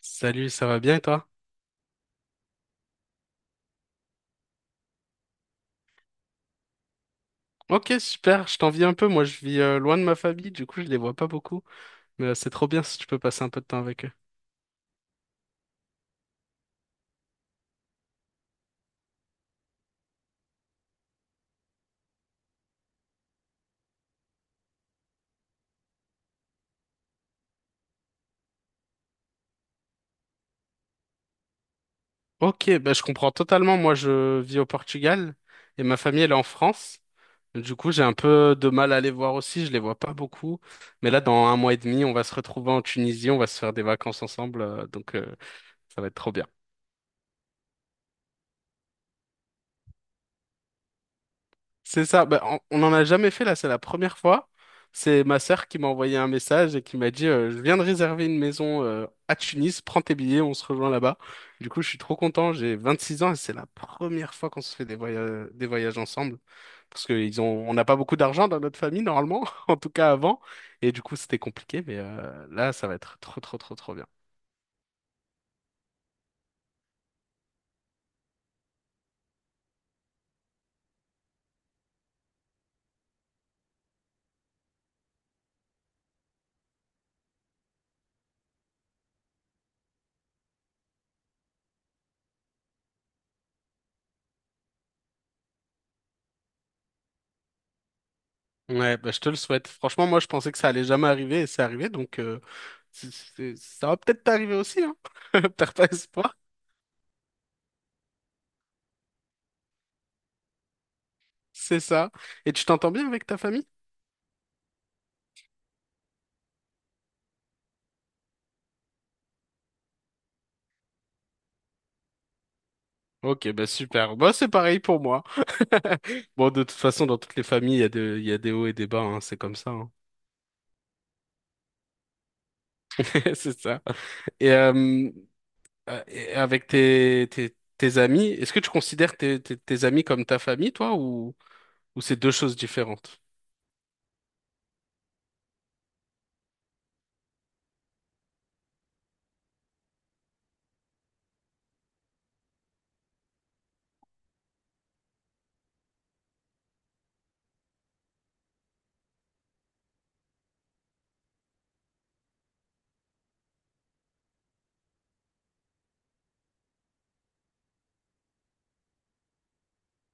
Salut, ça va bien et toi? Ok, super, je t'envie un peu. Moi, je vis loin de ma famille, du coup, je les vois pas beaucoup. Mais c'est trop bien si tu peux passer un peu de temps avec eux. Ok, bah, je comprends totalement. Moi, je vis au Portugal et ma famille, elle est en France. Du coup, j'ai un peu de mal à les voir aussi, je les vois pas beaucoup. Mais là, dans un mois et demi, on va se retrouver en Tunisie, on va se faire des vacances ensemble, donc ça va être trop bien. C'est ça, bah, on n'en a jamais fait là, c'est la première fois. C'est ma sœur qui m'a envoyé un message et qui m'a dit je viens de réserver une maison à Tunis, prends tes billets, on se rejoint là-bas. Du coup, je suis trop content, j'ai 26 ans et c'est la première fois qu'on se fait des voyages ensemble. Parce que ils ont, on n'a pas beaucoup d'argent dans notre famille, normalement, en tout cas avant. Et du coup, c'était compliqué, mais là, ça va être trop, trop, trop, trop bien. Ouais, bah, je te le souhaite. Franchement, moi, je pensais que ça allait jamais arriver et c'est arrivé, donc ça va peut-être t'arriver aussi, hein. Perds pas espoir. C'est ça. Et tu t'entends bien avec ta famille? Ok, bah super. Bah c'est pareil pour moi. Bon, de toute façon, dans toutes les familles, il y a des hauts et des bas, hein, c'est comme ça. Hein. C'est ça. Et, euh, et avec tes amis, est-ce que tu considères tes amis comme ta famille, toi, ou... Ou c'est deux choses différentes?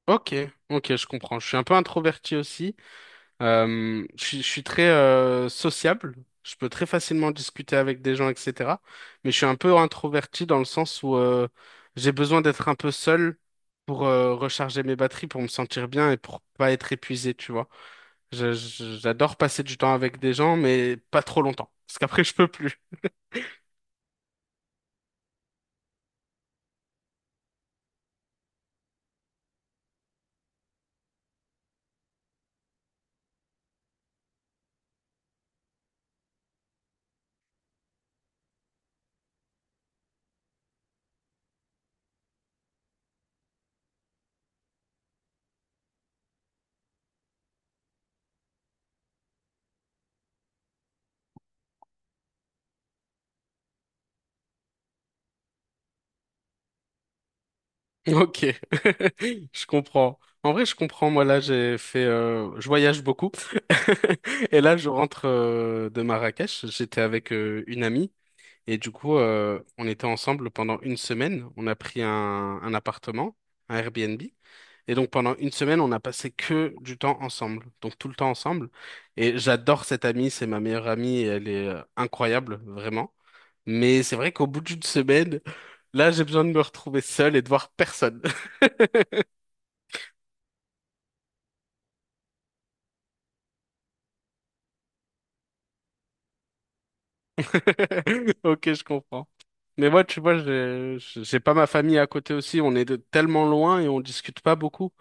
Ok, ok, je comprends. Je suis un peu introverti aussi. Je suis très sociable, je peux très facilement discuter avec des gens, etc. Mais je suis un peu introverti dans le sens où j'ai besoin d'être un peu seul pour recharger mes batteries, pour me sentir bien et pour pas être épuisé, tu vois. J'adore passer du temps avec des gens, mais pas trop longtemps, parce qu'après je peux plus. Ok, je comprends. En vrai, je comprends. Moi, là, j'ai fait, je voyage beaucoup, et là, je rentre de Marrakech. J'étais avec une amie. Et du coup, on était ensemble pendant une semaine. On a pris un appartement, un Airbnb. Et donc, pendant une semaine, on a passé que du temps ensemble. Donc, tout le temps ensemble. Et j'adore cette amie. C'est ma meilleure amie. Et elle est incroyable, vraiment. Mais c'est vrai qu'au bout d'une semaine, là, j'ai besoin de me retrouver seul et de voir personne. Ok, je comprends. Mais moi, tu vois, j'ai pas ma famille à côté aussi. Tellement loin et on discute pas beaucoup.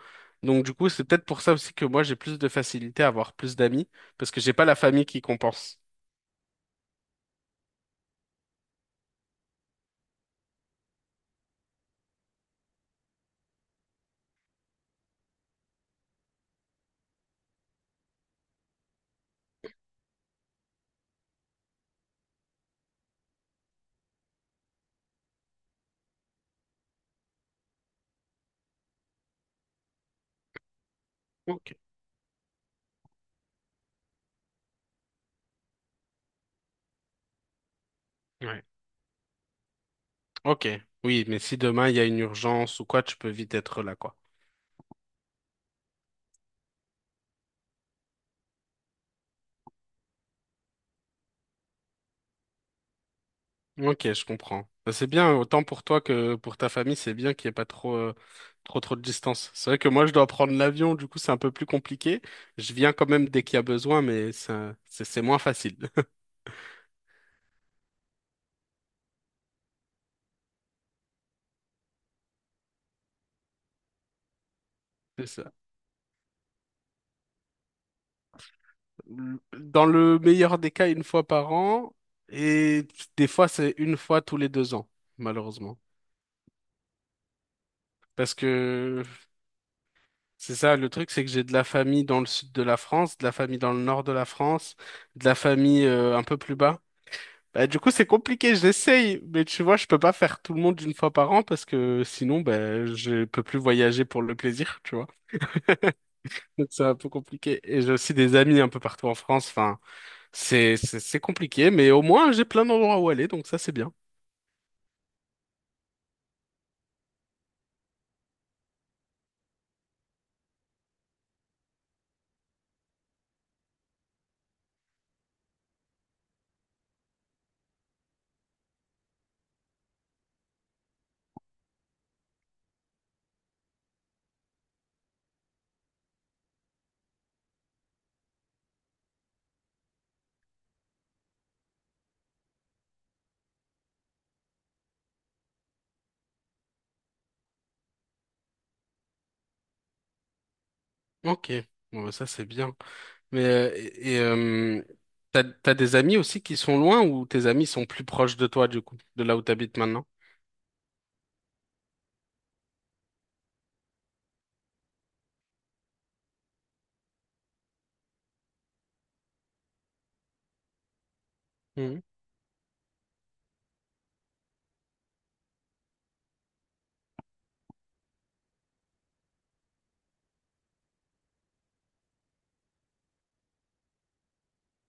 Donc, du coup, c'est peut-être pour ça aussi que moi, j'ai plus de facilité à avoir plus d'amis parce que j'ai pas la famille qui compense. Ok. Ouais. Ok. Oui, mais si demain il y a une urgence ou quoi, tu peux vite être là, quoi. Ok, je comprends. Bah, c'est bien, autant pour toi que pour ta famille, c'est bien qu'il n'y ait pas trop, trop, trop de distance. C'est vrai que moi, je dois prendre l'avion, du coup, c'est un peu plus compliqué. Je viens quand même dès qu'il y a besoin, mais ça, c'est moins facile. C'est ça. Dans le meilleur des cas, une fois par an, et des fois, c'est une fois tous les deux ans, malheureusement. Parce que c'est ça, le truc, c'est que j'ai de la famille dans le sud de la France, de la famille dans le nord de la France, de la famille un peu plus bas. Bah, du coup, c'est compliqué, j'essaye, mais tu vois, je peux pas faire tout le monde une fois par an parce que sinon, ben je peux plus voyager pour le plaisir, tu vois. Donc, c'est un peu compliqué. Et j'ai aussi des amis un peu partout en France, enfin. C'est compliqué, mais au moins j'ai plein d'endroits où aller, donc ça c'est bien. Ok, bon, bah, ça c'est bien. Mais t'as des amis aussi qui sont loin ou tes amis sont plus proches de toi du coup, de là où t'habites maintenant?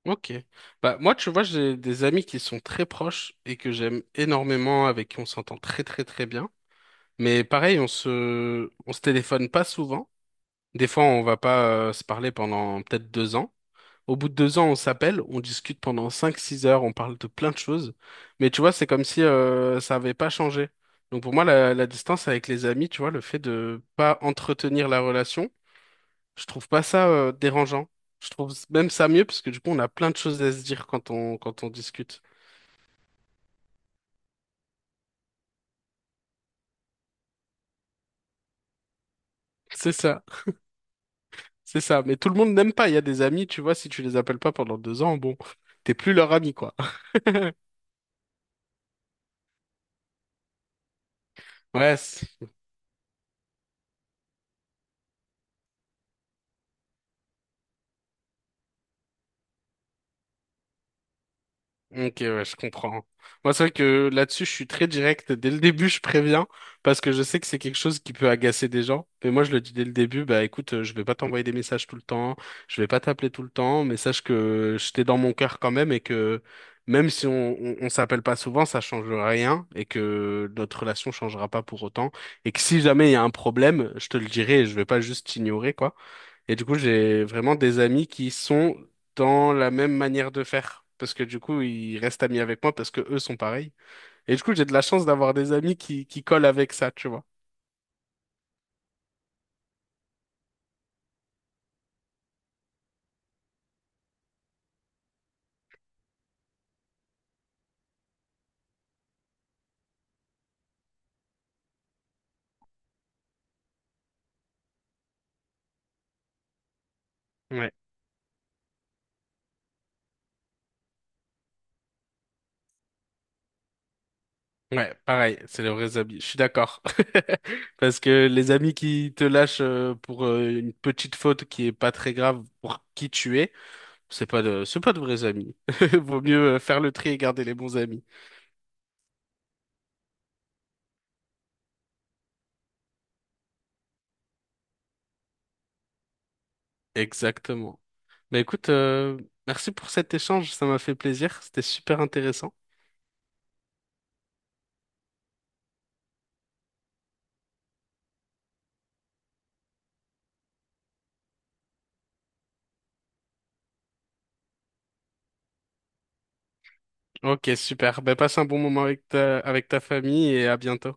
Ok. Bah, moi, tu vois, j'ai des amis qui sont très proches et que j'aime énormément, avec qui on s'entend très très très bien. Mais pareil, on se téléphone pas souvent. Des fois, on va pas se parler pendant peut-être deux ans. Au bout de deux ans, on s'appelle, on discute pendant 5, 6 heures, on parle de plein de choses. Mais tu vois, c'est comme si ça avait pas changé. Donc pour moi, la distance avec les amis, tu vois, le fait de pas entretenir la relation. Je trouve pas ça dérangeant. Je trouve même ça mieux parce que du coup, on a plein de choses à se dire quand on quand on discute. C'est ça, c'est ça. Mais tout le monde n'aime pas. Il y a des amis, tu vois, si tu les appelles pas pendant deux ans, bon, t'es plus leur ami, quoi. Ouais, c'est- Ok, ouais, je comprends. Moi, c'est vrai que là-dessus, je suis très direct. Dès le début, je préviens parce que je sais que c'est quelque chose qui peut agacer des gens. Mais moi, je le dis dès le début, bah écoute, je vais pas t'envoyer des messages tout le temps, je vais pas t'appeler tout le temps, mais sache que je t'ai dans mon cœur quand même et que même si on s'appelle pas souvent, ça change rien et que notre relation changera pas pour autant. Et que si jamais il y a un problème, je te le dirai et je vais pas juste t'ignorer, quoi. Et du coup, j'ai vraiment des amis qui sont dans la même manière de faire. Parce que du coup, ils restent amis avec moi parce que eux sont pareils. Et du coup, j'ai de la chance d'avoir des amis qui collent avec ça, tu vois. Ouais. Ouais, pareil, c'est les vrais amis. Je suis d'accord. Parce que les amis qui te lâchent pour une petite faute qui est pas très grave pour qui tu es, c'est pas de vrais amis. Vaut mieux faire le tri et garder les bons amis. Exactement. Bah écoute, merci pour cet échange, ça m'a fait plaisir, c'était super intéressant. Ok, super. Ben, passe un bon moment avec ta famille et à bientôt.